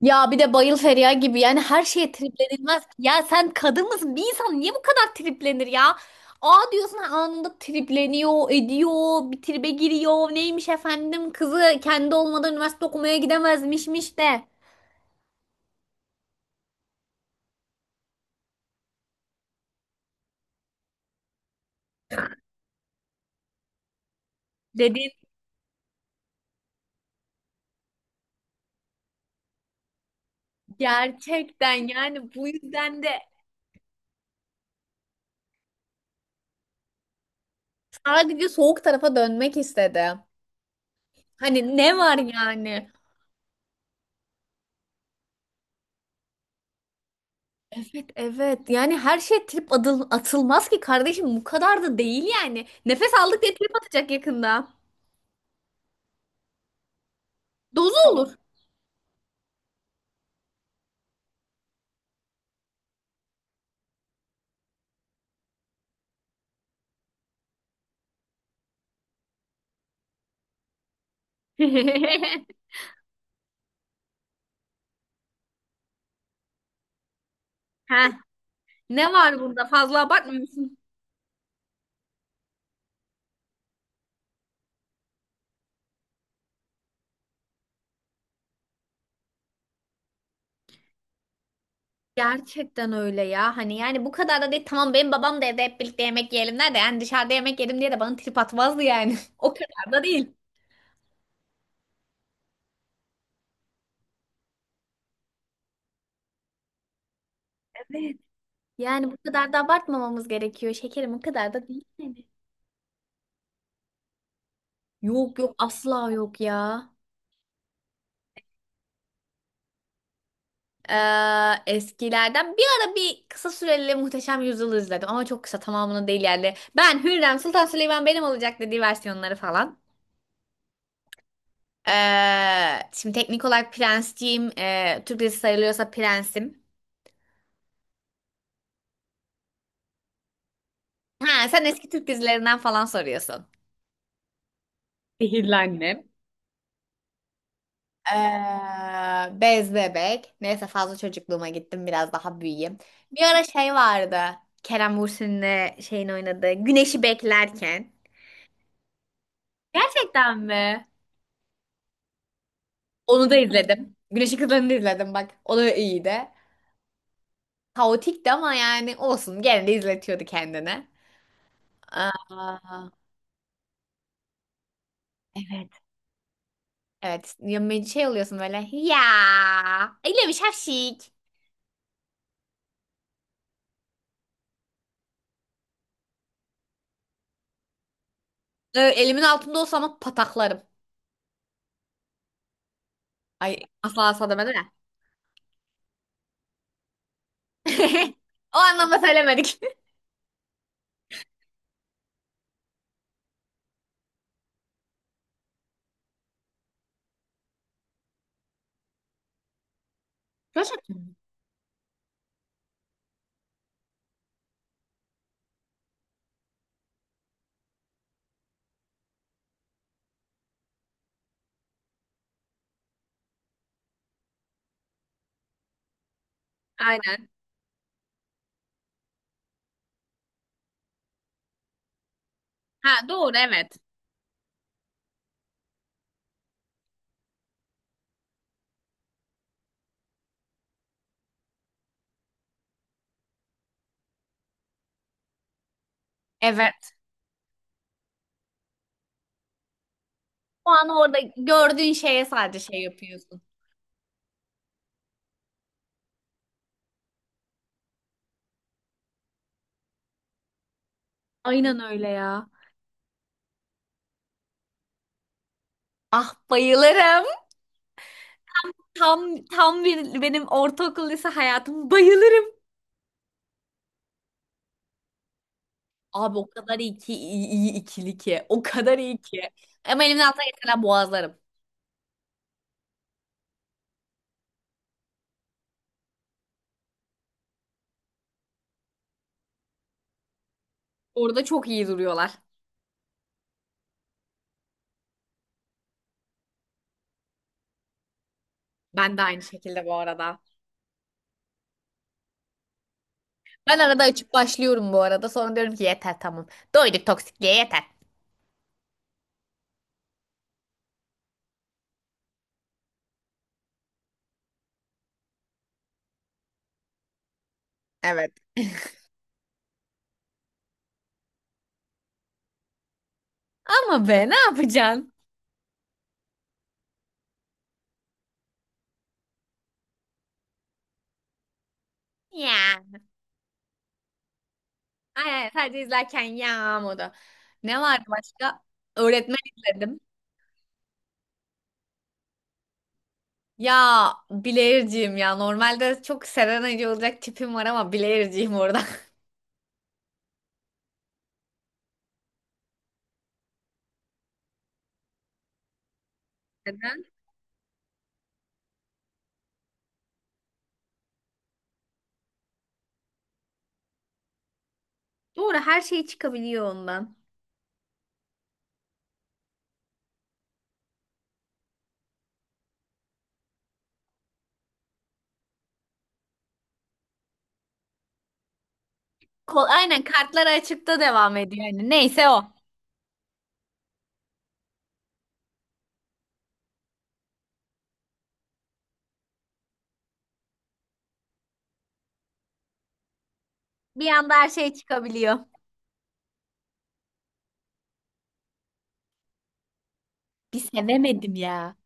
Ya bir de bayıl Feriha gibi yani her şeye triplenilmez. Ya sen kadın mısın? Bir insan niye bu kadar triplenir ya? Aa diyorsun anında tripleniyor, ediyor, bir tribe giriyor. Neymiş efendim kızı kendi olmadan üniversite okumaya gidemezmişmiş de. Dedim gerçekten yani bu yüzden de sadece soğuk tarafa dönmek istedi. Hani ne var yani? Evet yani her şey atılmaz ki kardeşim bu kadar da değil yani. Nefes aldık diye trip atacak yakında. Dozu olur. Ha, ne var bunda? Fazla abartmıyorsun. Gerçekten öyle ya. Hani yani bu kadar da değil. Tamam benim babam da evde hep birlikte yemek yiyelim der de yani dışarıda yemek yedim diye de bana trip atmazdı yani. O kadar da değil. Evet. Yani bu kadar da abartmamamız gerekiyor. Şekerim o kadar da değil yani. Yok yok asla yok ya. Eskilerden bir ara bir kısa süreli Muhteşem Yüzyıl'ı izledim ama çok kısa tamamını değil yani. Ben Hürrem Sultan Süleyman benim olacak dediği versiyonları falan. Şimdi teknik olarak prensciyim. Türk dizisi sayılıyorsa prensim. Ha, sen eski Türk dizilerinden falan soruyorsun. Sihirli Annem. Bez Bebek. Neyse fazla çocukluğuma gittim biraz daha büyüyeyim. Bir ara şey vardı. Kerem Bürsin'le şeyin oynadığı Güneşi Beklerken. Gerçekten mi? Onu da izledim. Güneşi Kızları'nı da izledim bak. O da iyiydi. Kaotikti ama yani olsun. Gene de izletiyordu kendini. Aa, evet. Evet. Ya, şey oluyorsun böyle. Ya. Öyle bir şapşik. Evet, elimin altında olsa ama pataklarım. Ay asla demedim ya. O anlamda söylemedik. Gerçekten mi? Aynen. Ha doğru evet. Evet. O an orada gördüğün şeye sadece şey yapıyorsun. Aynen öyle ya. Ah bayılırım. Tam bir benim ortaokul lise hayatım bayılırım. Abi o kadar iyi ki iyi, iyi ikili ki. O kadar iyi ki. Ama elimden altına geçenler boğazlarım. Orada çok iyi duruyorlar. Ben de aynı şekilde bu arada. Ben arada açıp başlıyorum bu arada. Sonra diyorum ki yeter tamam. Doyduk toksikliğe yeter. Evet. Ama be ne yapacaksın? Ya. Ay, sadece izlerken ya modu. Ne vardı başka? Öğretmen izledim. Ya Blair'ciyim ya. Normalde çok Serenacı olacak tipim var ama Blair'ciyim orada. Neden? Doğru her şey çıkabiliyor ondan. Kol, aynen kartlar açıkta devam ediyor. Yani neyse o. Bir anda her şey çıkabiliyor. Bir sevemedim ya.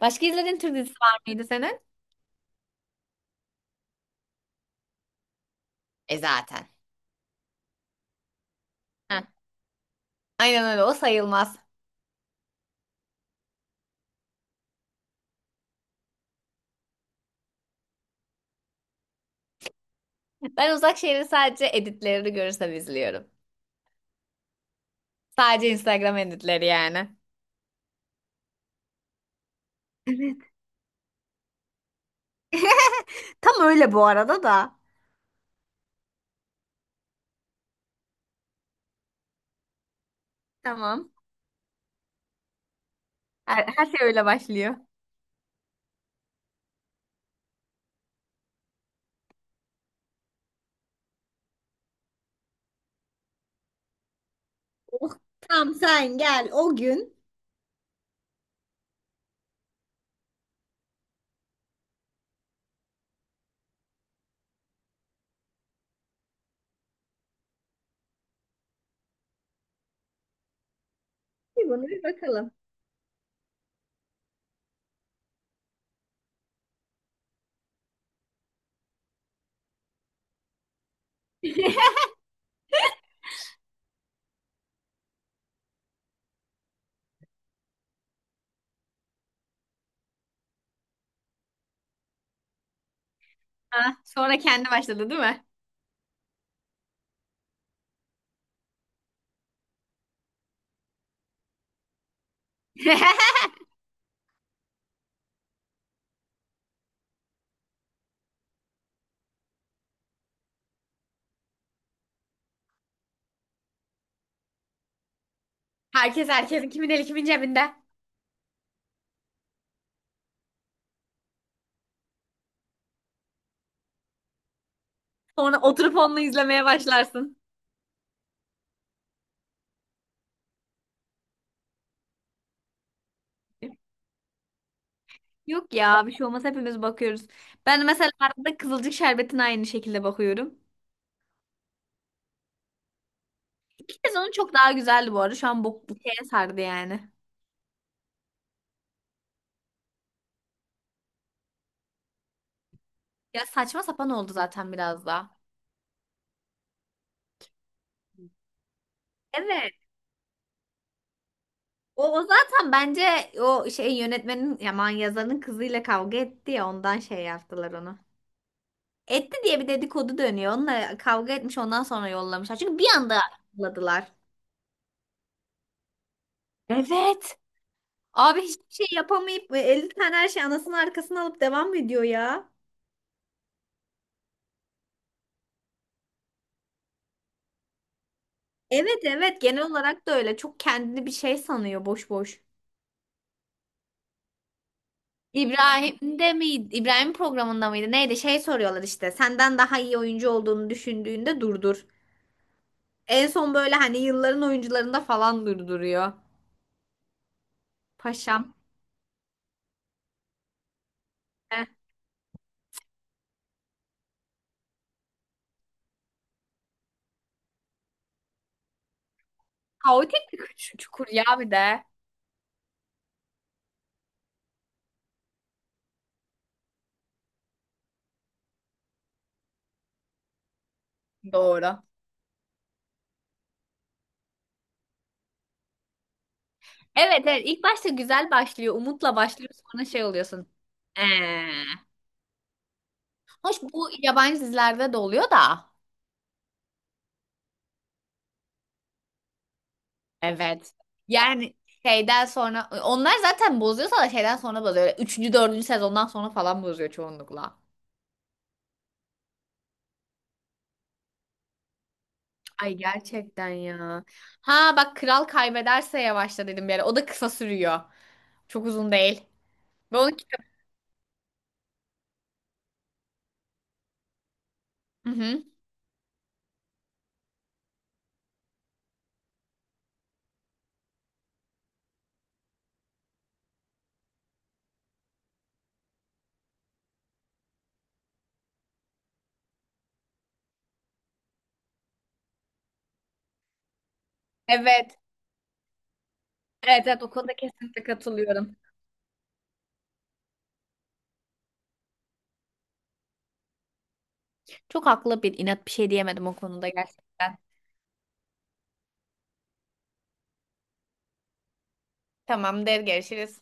Başka izlediğin Türk dizisi var mıydı senin? E zaten. Heh. Aynen öyle o sayılmaz. Ben Uzak Şehir'i sadece editlerini görürsem izliyorum. Sadece Instagram editleri yani. Tam öyle bu arada da. Tamam. Her şey öyle başlıyor. Oh, tam sen gel o gün. Bir bunu bir bakalım. Ha, sonra kendi başladı değil mi? Herkes herkesin kimin eli kimin cebinde. Sonra oturup onunla izlemeye başlarsın. Yok ya bir şey olmaz hepimiz bakıyoruz. Ben mesela arada Kızılcık Şerbeti'ne aynı şekilde bakıyorum. İki sezonu çok daha güzeldi bu arada. Şu an bu şeye sardı yani. Ya saçma sapan oldu zaten biraz daha. Evet. O zaten bence o şey yönetmenin yaman yazarın kızıyla kavga etti ya ondan şey yaptılar onu. Etti diye bir dedikodu dönüyor. Onunla kavga etmiş ondan sonra yollamışlar. Çünkü bir anda yolladılar. Evet. Abi hiçbir şey yapamayıp 50 tane her şey anasının arkasına alıp devam ediyor ya. Evet genel olarak da öyle. Çok kendini bir şey sanıyor boş boş. İbrahim'de miydi? İbrahim programında mıydı? Neydi? Şey soruyorlar işte. Senden daha iyi oyuncu olduğunu düşündüğünde durdur. En son böyle hani yılların oyuncularında falan durduruyor. Paşam. Eh. Çukur ya bir de. Doğru. Evet ilk başta güzel başlıyor. Umutla başlıyor sonra şey oluyorsun. Ee. Hoş bu yabancı dizilerde de oluyor da. Evet. Yani şeyden sonra onlar zaten bozuyorsa da şeyden sonra bozuyor. Öyle Üçüncü, dördüncü sezondan sonra falan bozuyor çoğunlukla. Ay gerçekten ya. Ha bak kral kaybederse yavaşla dedim bir ara. O da kısa sürüyor. Çok uzun değil. Ve onun kitabı... Hı hı. Evet. Evet o konuda kesinlikle katılıyorum. Çok haklı bir inat bir şey diyemedim o konuda gerçekten. Tamamdır görüşürüz.